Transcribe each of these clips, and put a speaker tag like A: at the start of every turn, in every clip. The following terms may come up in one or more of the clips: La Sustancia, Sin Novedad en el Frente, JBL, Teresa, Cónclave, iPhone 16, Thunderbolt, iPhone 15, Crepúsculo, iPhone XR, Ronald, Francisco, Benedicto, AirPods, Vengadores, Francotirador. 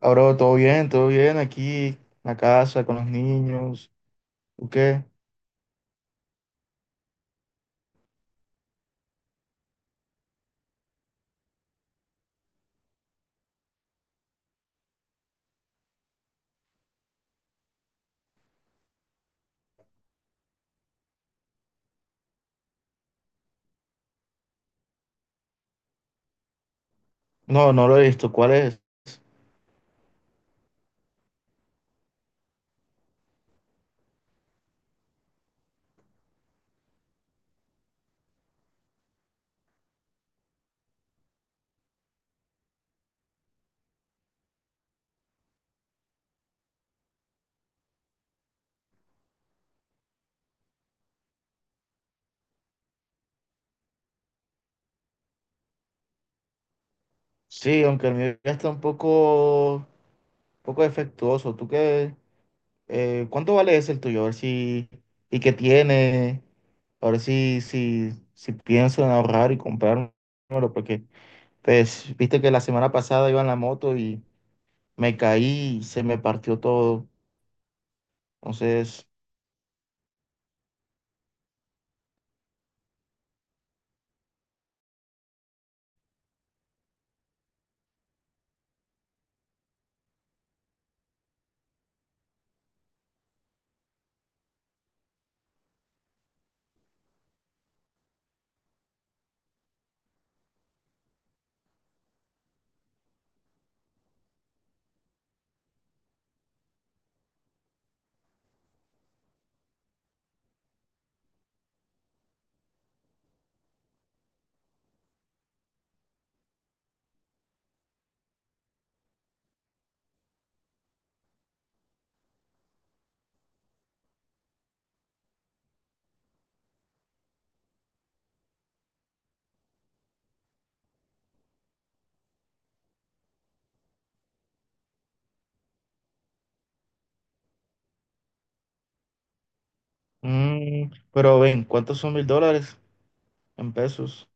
A: Ahora todo bien aquí en la casa con los niños. ¿Tú qué? No, no lo he visto. ¿Cuál es? Sí, aunque el mío ya está un poco defectuoso. ¿Tú qué? ¿Cuánto vale ese el tuyo? A ver si, y qué tiene. A ver si pienso en ahorrar y comprármelo, porque pues viste que la semana pasada iba en la moto y me caí y se me partió todo. Entonces, pero ven, ¿cuántos son $1,000 en pesos?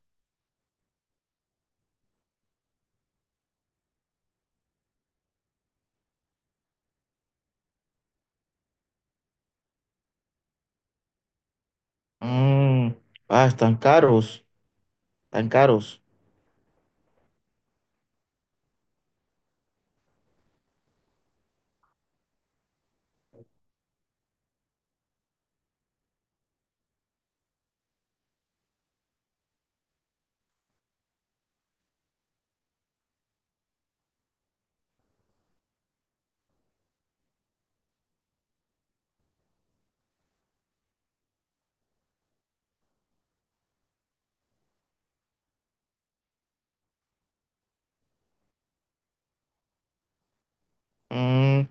A: Mm, ah, están caros, tan caros. Mm,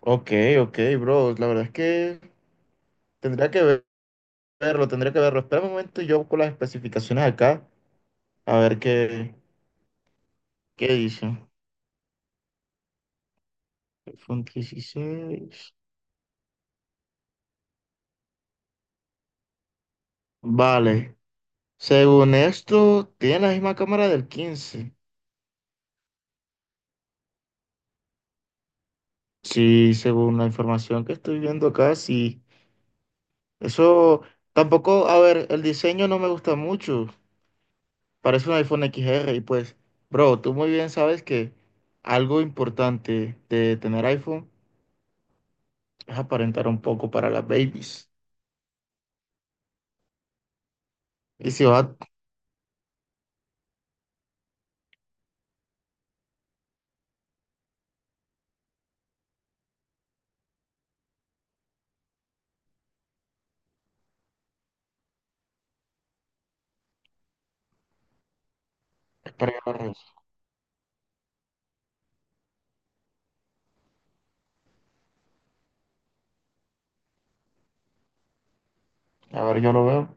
A: OK, OK, bro. La verdad es que tendría que verlo, tendría que verlo. Espera un momento, yo busco las especificaciones acá, a ver qué dice. iPhone 16. Vale. Según esto, tiene la misma cámara del 15. Sí, según la información que estoy viendo acá, sí. Eso tampoco, a ver, el diseño no me gusta mucho. Parece un iPhone XR y pues, bro, tú muy bien sabes que algo importante de tener iPhone es aparentar un poco para las babies. Y si va, espera, yo lo reviso. A ver, yo lo veo.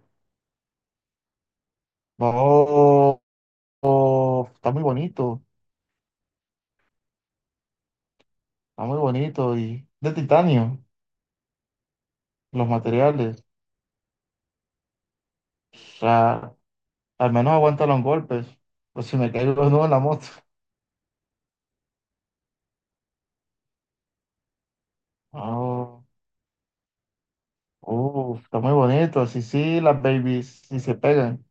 A: Oh, oh, está muy bonito y de titanio, los materiales. O sea, al menos aguanta los golpes. Pues si me caigo de nuevo en la moto. Oh, está muy bonito, así sí, las babies, si se pegan.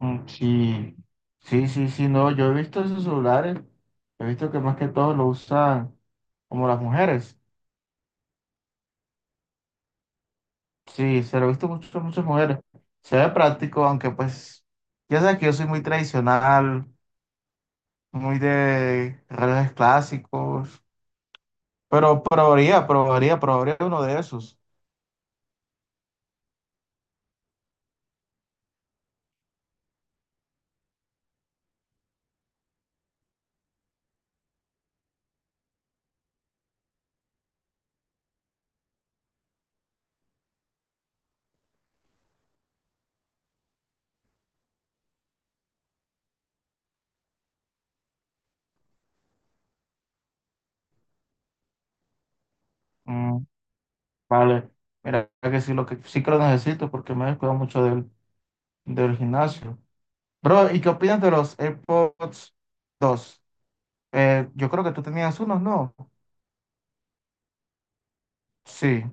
A: Mm, sí, sí, sí, sí, no, yo he visto esos celulares, he visto que más que todo lo usan como las mujeres. Sí, se lo he visto mucho, muchas mujeres. Se ve práctico, aunque pues, ya sabes que yo soy muy tradicional, muy de relojes clásicos, pero probaría, probaría, probaría uno de esos. Mm, vale, mira que sí, lo que sí que lo necesito porque me he descuidado mucho del gimnasio. Bro, ¿y qué opinas de los AirPods 2? Yo creo que tú tenías unos, ¿no? Sí.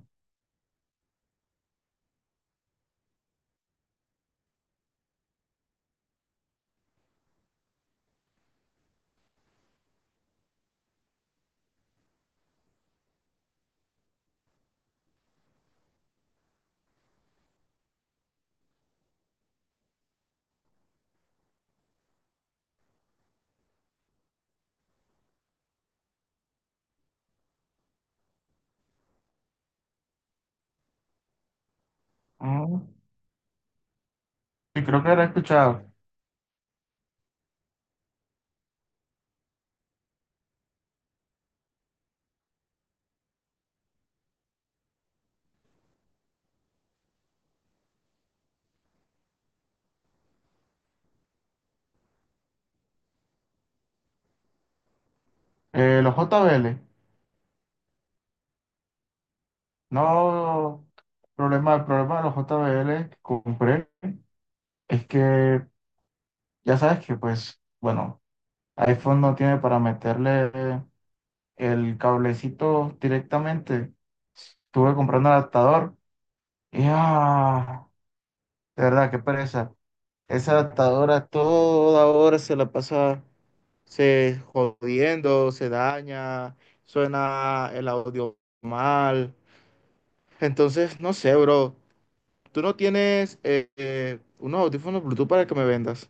A: Mm, sí, creo que era escuchado. Los JBL. No, problema, el problema de los JBL que compré es que ya sabes que, pues, bueno, iPhone no tiene para meterle el cablecito directamente. Estuve comprando un adaptador y, ah, de verdad, qué pereza. Esa adaptadora toda hora se la pasa se jodiendo, se daña, suena el audio mal. Entonces, no sé, bro. Tú no tienes unos audífonos Bluetooth para que me vendas.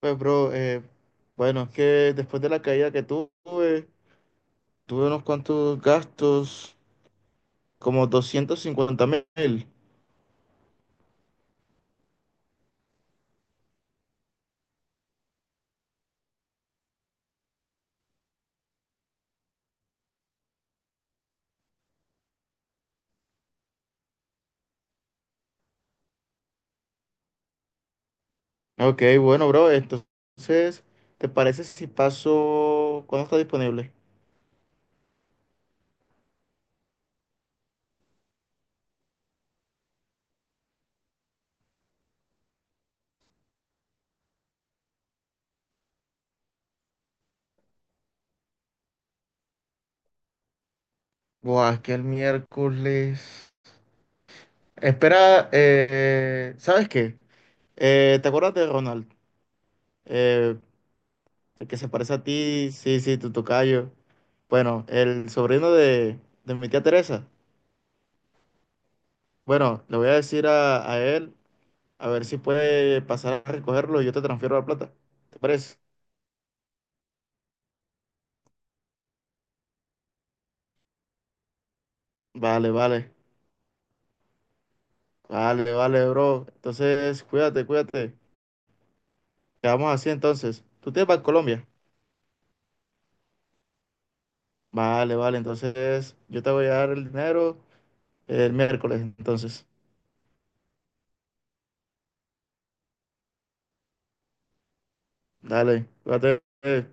A: Pues, bro, bueno, es que después de la caída que tuve, tuve unos cuantos gastos, como 250,000. OK, bueno, bro, entonces, ¿te parece si paso, cuándo está disponible? Buah, es que el miércoles. Espera, ¿sabes qué? ¿Te acuerdas de Ronald? Eh, el que se parece a ti, sí, sí, tu tocayo. Bueno, el sobrino de mi tía Teresa. Bueno, le voy a decir a él a ver si puede pasar a recogerlo y yo te transfiero la plata. ¿Te parece? Vale, vale, vale, vale, bro. Entonces, cuídate, cuídate. Quedamos así entonces. ¿Tú tienes para Colombia? Vale, vale, entonces yo te voy a dar el dinero el miércoles, entonces. Dale, cuídate.